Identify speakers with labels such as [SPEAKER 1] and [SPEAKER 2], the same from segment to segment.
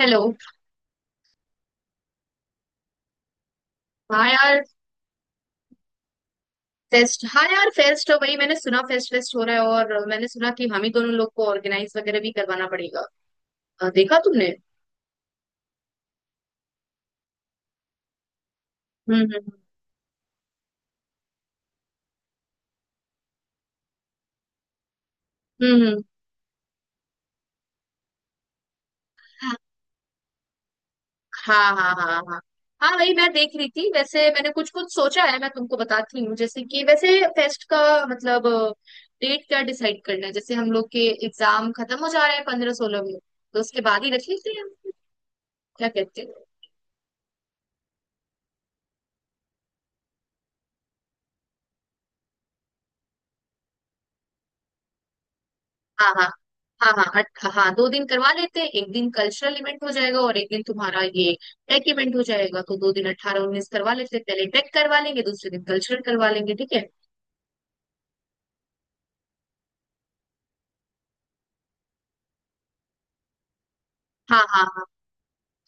[SPEAKER 1] Hello. हाँ यार। Fest हाँ यार, फेस्ट वही मैंने सुना, फेस्ट फेस्ट हो रहा है और मैंने सुना कि हम ही दोनों लोग को ऑर्गेनाइज वगैरह भी करवाना पड़ेगा। देखा तुमने। हम्म हम्म हम्म हम्म, हम्म। हाँ हाँ हाँ हाँ। हाँ, वही मैं देख रही थी। वैसे मैंने कुछ कुछ सोचा है, मैं तुमको बताती हूँ। जैसे कि वैसे फेस्ट का मतलब, डेट क्या डिसाइड करना है। जैसे हम लोग के एग्जाम खत्म हो जा रहे हैं 15 16 में, तो उसके बाद ही रख लेते हैं। क्या कहते हो? हाँ हाँ हाँ हाँ, हाँ हाँ, दो दिन करवा लेते हैं। एक दिन कल्चरल इवेंट हो जाएगा और एक दिन तुम्हारा ये टेक इवेंट हो जाएगा। तो दो दिन 18 19 करवा लेते हैं, पहले टेक करवा लेंगे, दूसरे दिन कल्चरल करवा लेंगे। ठीक है? हाँ हाँ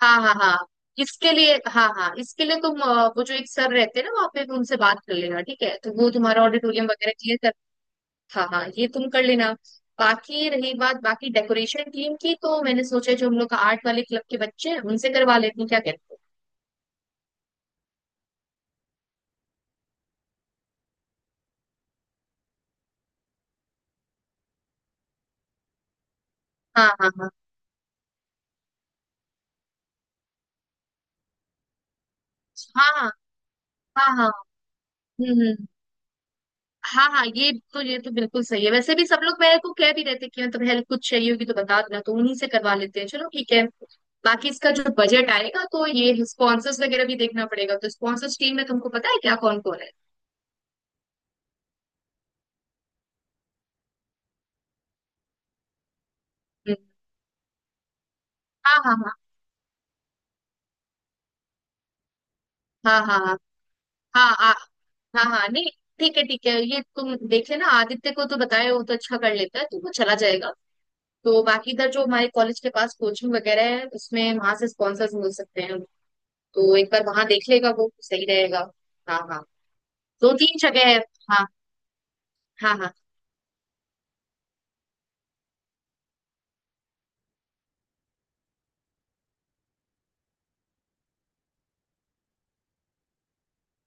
[SPEAKER 1] हाँ हाँ। हाँ हाँ इसके लिए, हाँ हाँ, इसके लिए तुम वो जो एक सर रहते हैं ना वहाँ पे, उनसे बात कर लेना ठीक है, तो वो तुम्हारा ऑडिटोरियम वगैरह क्लियर कर। हाँ हाँ, ये तुम कर लेना। बाकी रही बात, बाकी डेकोरेशन टीम की, तो मैंने सोचा जो हम लोग का आर्ट वाले क्लब के बच्चे हैं, उनसे करवा लेते हैं। क्या कहते हो? हाँ हाँ हाँ हाँ हाँ हाँ हाँ। हम्म। हाँ हाँ, ये तो बिल्कुल सही है। वैसे भी सब लोग मेरे को कह भी रहे थे कि मतलब हेल्प कुछ चाहिए होगी तो बता देना, तो उन्हीं से करवा लेते हैं। चलो, ठीक है। बाकी इसका जो बजट आएगा तो ये स्पॉन्सर्स वगैरह भी देखना पड़ेगा। तो स्पॉन्सर्स टीम में तुमको पता है क्या, कौन कौन है? हम्म। हाँ हाँ हाँ हाँ हाँ हाँ हाँ हाँ, हाँ हाँ, नहीं। ठीक है ठीक है, ये तुम देख लेना। आदित्य को तो बताए, वो तो अच्छा कर लेता है, तो वो चला जाएगा। तो बाकी इधर जो हमारे कॉलेज के पास कोचिंग वगैरह है, उसमें वहां से स्पॉन्सर्स मिल सकते हैं, तो एक बार वहां देख लेगा वो, सही रहेगा। हाँ हाँ, दो तीन जगह है। हाँ हाँ हाँ,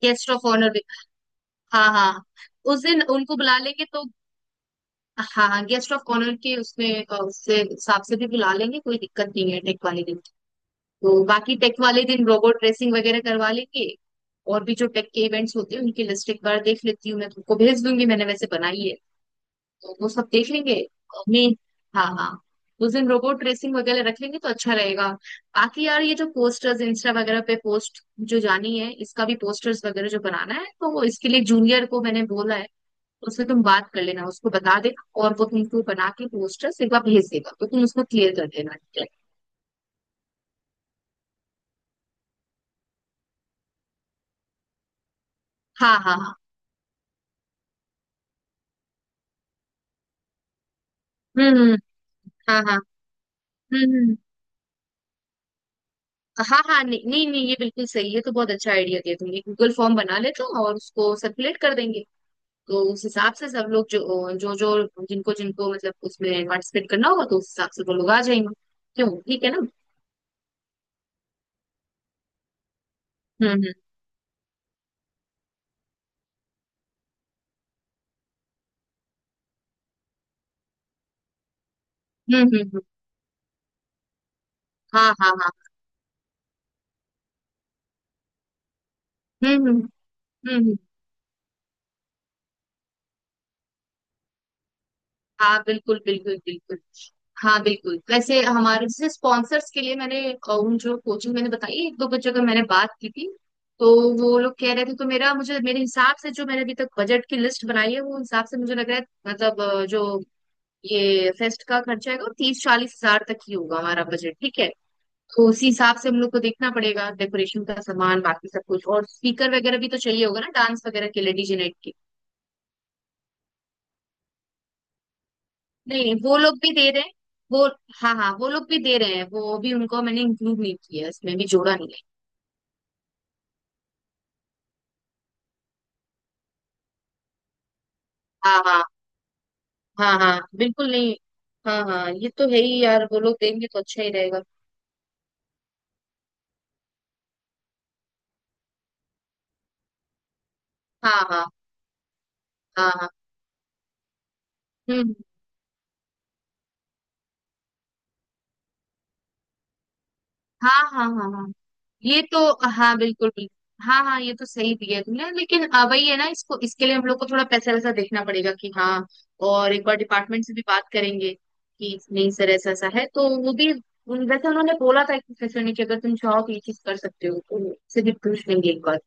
[SPEAKER 1] गेस्ट ऑफ ऑनर भी। हाँ हाँ, उस दिन उनको बुला लेंगे तो। हाँ हाँ, गेस्ट ऑफ ऑनर के उसमें उससे हिसाब से भी बुला लेंगे। कोई दिक्कत नहीं है टेक वाले दिन। तो बाकी टेक वाले दिन रोबोट ड्रेसिंग वगैरह करवा लेंगे। और भी जो टेक के इवेंट्स होते हैं उनकी लिस्ट एक बार देख लेती हूँ, मैं तुमको भेज दूंगी, मैंने वैसे बनाई है, तो वो सब देख लेंगे मैं। हाँ हाँ, उस दिन रोबोट रेसिंग वगैरह रख लेंगे तो अच्छा रहेगा। बाकी यार ये जो पोस्टर्स इंस्टा वगैरह पे पोस्ट जो जानी है, इसका भी पोस्टर्स वगैरह जो बनाना है, तो वो इसके लिए जूनियर को मैंने बोला है। उससे तुम बात कर लेना, उसको बता देना, और वो तुमको बना के पोस्टर्स एक बार भेज देगा, तो तुम उसको क्लियर कर देना, ठीक है। हाँ हाँ हाँ, हम्म। हाँ हाँ, हम्म। हाँ हाँ, नहीं नहीं नहीं, ये बिल्कुल सही है। तो बहुत अच्छा आइडिया दिया तुमने, गूगल फॉर्म बना लेते हो और उसको सर्कुलेट कर देंगे। तो उस हिसाब से सब लोग जो जो जो जिनको जिनको मतलब उसमें पार्टिसिपेट करना होगा, तो उस हिसाब से वो लोग आ जाएंगे। क्यों, ठीक है ना? हम्म हम्म। हाँ हाँ हाँ, हम्म हम्म हम्म। हाँ, बिल्कुल बिल्कुल बिल्कुल। हाँ बिल्कुल। वैसे हमारे से स्पॉन्सर्स के लिए मैंने उन जो कोचिंग मैंने बताई, एक दो बच्चों का मैंने बात की थी, तो वो लोग कह रहे थे, तो मेरा मुझे मेरे हिसाब से जो मैंने अभी तक बजट की लिस्ट बनाई है, वो हिसाब से मुझे लग रहा है मतलब जो ये फेस्ट का खर्चा है वो 30 40 हज़ार तक ही होगा हमारा बजट, ठीक है। तो उसी हिसाब से हम लोग को देखना पड़ेगा डेकोरेशन का सामान, बाकी सब कुछ, और स्पीकर वगैरह भी तो चाहिए होगा ना डांस वगैरह के लिए, डीजे नाइट के। नहीं नहीं, वो लोग भी दे रहे हैं वो, हाँ हाँ, वो लोग भी दे रहे हैं वो भी। उनको मैंने इंक्लूड नहीं किया है, इसमें भी जोड़ा नहीं है। हाँ हाँ हाँ, हाँ बिल्कुल नहीं। हाँ हाँ, ये तो है ही यार, वो लोग देंगे तो अच्छा ही रहेगा। हाँ हाँ हाँ हाँ, हम्म। हाँ हाँ हाँ हाँ, ये तो, हाँ बिल्कुल बिल्कुल। हाँ हाँ, ये तो सही दिया तुमने, लेकिन वही है ना, इसको इसके लिए हम लोग को थोड़ा पैसा वैसा देखना पड़ेगा कि हाँ। और एक बार डिपार्टमेंट से भी बात करेंगे कि नहीं सर ऐसा ऐसा है, तो वो भी वैसे उन्होंने बोला था एक प्रोफेसर ने कि अगर तुम चाहो तो ये चीज कर सकते हो, तो उससे भी पूछ लेंगे एक बार।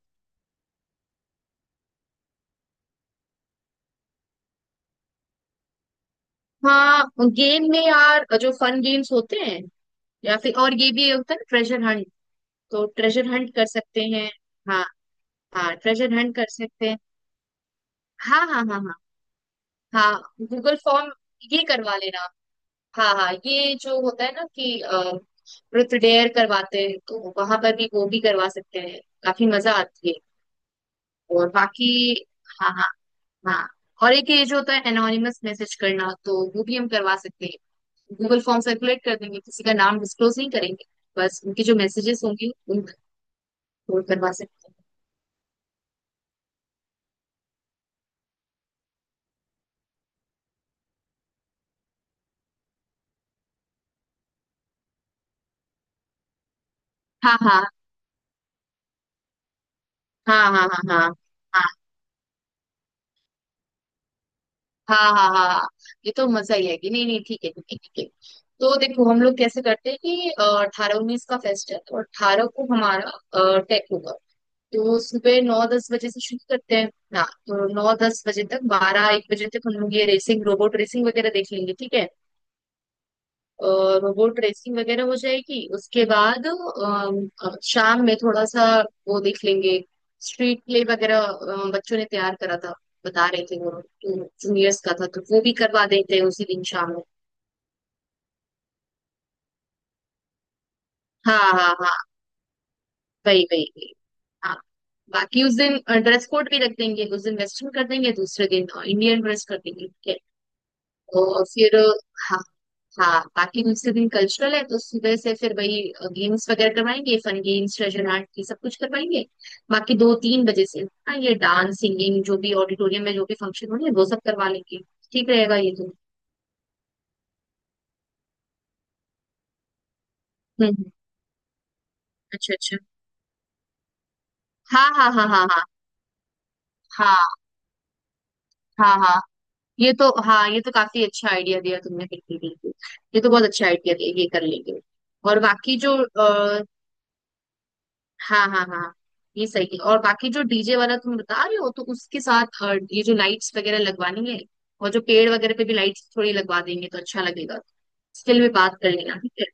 [SPEAKER 1] हाँ, गेम में यार जो फन गेम्स होते हैं, या फिर और ये भी होता है ना, ट्रेजर हंट, तो ट्रेजर हंट कर सकते हैं। हाँ हाँ, ट्रेजर हंट कर सकते हैं। हाँ हाँ हाँ हाँ, हाँ गूगल फॉर्म, ये करवा लेना। हाँ हाँ, ये जो होता है ना कि रुत डेयर करवाते हैं, तो वहां पर भी वो भी करवा सकते हैं, काफी मजा आती है। और बाकी, हाँ हाँ हाँ। और एक ये जो होता है एनोनिमस मैसेज करना, तो वो भी हम करवा सकते हैं। गूगल फॉर्म सर्कुलेट कर देंगे, किसी का नाम डिस्क्लोज नहीं करेंगे, बस उनके जो मैसेजेस होंगे उन वो करवा सकते हैं। हाँ हाँ हाँ हाँ हाँ हाँ हाँ हाँ हाँ हाँ हाँ, ये तो मजा ही है कि। नहीं नहीं, ठीक है ठीक है ठीक है। तो देखो हम लोग कैसे करते हैं कि 18 19 का फेस्ट है तो 18 को हमारा टेक होगा, तो सुबह 9 10 बजे से शुरू करते हैं ना, तो 9 10 बजे तक, 12 1 बजे तक हम लोग ये रेसिंग रोबोट रेसिंग वगैरह देख लेंगे, ठीक है। और वो ड्रेसिंग वगैरह हो जाएगी। उसके बाद शाम में थोड़ा सा वो देख लेंगे, स्ट्रीट प्ले वगैरह बच्चों ने तैयार करा था, बता रहे थे वो, जूनियर्स का था, तो वो भी करवा देते हैं उसी दिन शाम में। हाँ हाँ हाँ, वही वही वही। हाँ, बाकी उस दिन ड्रेस कोड भी रख देंगे, उस दिन वेस्टर्न कर देंगे, दूसरे दिन इंडियन ड्रेस कर देंगे, ठीक है। और फिर, हाँ हाँ, बाकी दूसरे दिन कल्चरल है, तो सुबह से फिर वही गेम्स वगैरह करवाएंगे, फन गेम्स, ट्रेजर हंट, ये सब कुछ करवाएंगे। बाकी 2 3 बजे से, हाँ ये डांस सिंगिंग जो भी ऑडिटोरियम में जो भी फंक्शन होने, वो सब करवा लेंगे। ठीक रहेगा ये तो। हम्म। अच्छा अच्छा। हाँ हाँ हाँ हाँ हाँ हाँ हाँ हाँ, ये तो, हाँ ये तो काफी अच्छा आइडिया दिया तुमने, बिल्कुल बिल्कुल। ये तो बहुत अच्छा आइडिया दिया, ये कर लेंगे। और बाकी जो, हाँ हाँ हाँ, ये सही है। और बाकी जो डीजे वाला तुम बता रहे हो तो उसके साथ ये जो लाइट्स वगैरह लगवानी है, और जो पेड़ वगैरह पे भी लाइट्स थोड़ी लगवा देंगे तो अच्छा लगेगा, स्टिल में बात कर लेना, ठीक है।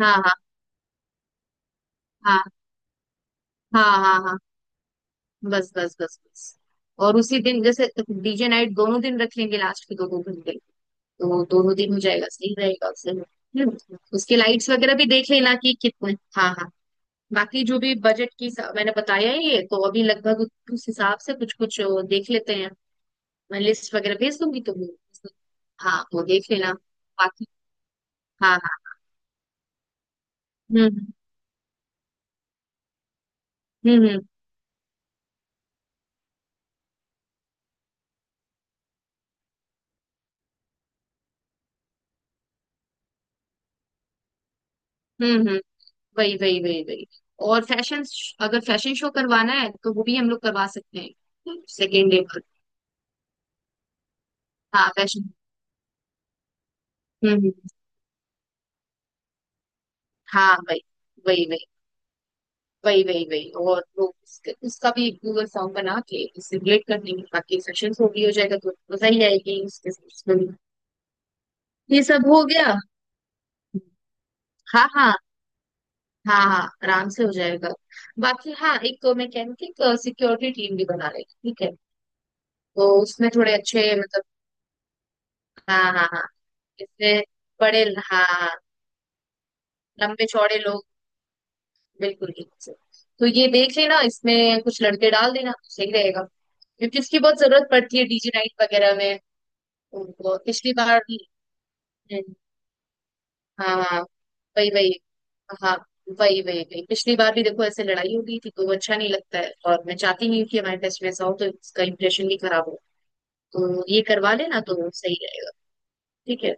[SPEAKER 1] हाँ हाँ हाँ हाँ हाँ हाँ, बस बस बस बस। और उसी दिन जैसे डीजे नाइट दोनों दिन रख लेंगे, लास्ट के दो दो घंटे, तो दोनों दिन हो जाएगा, सही रहेगा उससे। हम्म। उसके लाइट्स वगैरह भी देख लेना कि कितने, हाँ हाँ। बाकी जो भी बजट की मैंने बताया है ये तो, अभी लगभग उस हिसाब से कुछ कुछ देख लेते हैं। मैं लिस्ट वगैरह भेज दूंगी तुम्हें। हाँ वो देख लेना बाकी। हाँ हाँ, हम्म हम्म हम्म हम्म। वही वही वही वही। और फैशन, अगर फैशन शो करवाना है तो वो भी हम लोग करवा सकते हैं सेकेंड डे पर। हाँ फैशन, हम्म। हाँ वही वही वही वही वही वही। और वो उसका भी गूगल फॉर्म बना के उससे रिलेट कर देंगे, बाकी फैशन शो भी हो जाएगा तो मजा ही आएगी उसके साथ। ये सब हो गया। हाँ हाँ हाँ हाँ, आराम से हो जाएगा। बाकी हाँ, एक मैं कह रही थी, सिक्योरिटी टीम भी बना लेगी, ठीक है, तो उसमें थोड़े अच्छे मतलब, हाँ हाँ हाँ, इसमें बड़े, हाँ लंबे चौड़े लोग, बिल्कुल ठीक से। तो ये देख लेना, इसमें कुछ लड़के डाल देना सही रहेगा, क्योंकि इसकी बहुत जरूरत पड़ती है डीजे नाइट वगैरह में। उनको पिछली बार, हाँ हाँ, वही वही। हाँ वही वही वही, पिछली बार भी देखो ऐसे लड़ाई हो गई थी तो वो अच्छा नहीं लगता है, और मैं चाहती नहीं हूँ कि हमारे टेस्ट में ऐसा हो, तो इसका इम्प्रेशन भी खराब हो, तो ये करवा लेना तो सही रहेगा। ठीक है।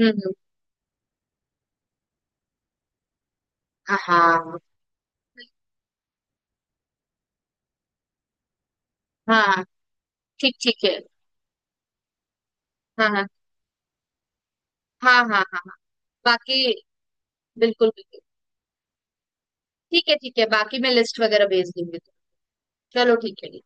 [SPEAKER 1] हम्म। हाँ हाँ हाँ हाँ, ठीक ठीक है। हाँ हाँ हाँ हाँ हाँ बाकी, बिल्कुल बिल्कुल। ठीक है ठीक है, बाकी मैं लिस्ट वगैरह भेज दूंगी। चलो ठीक है।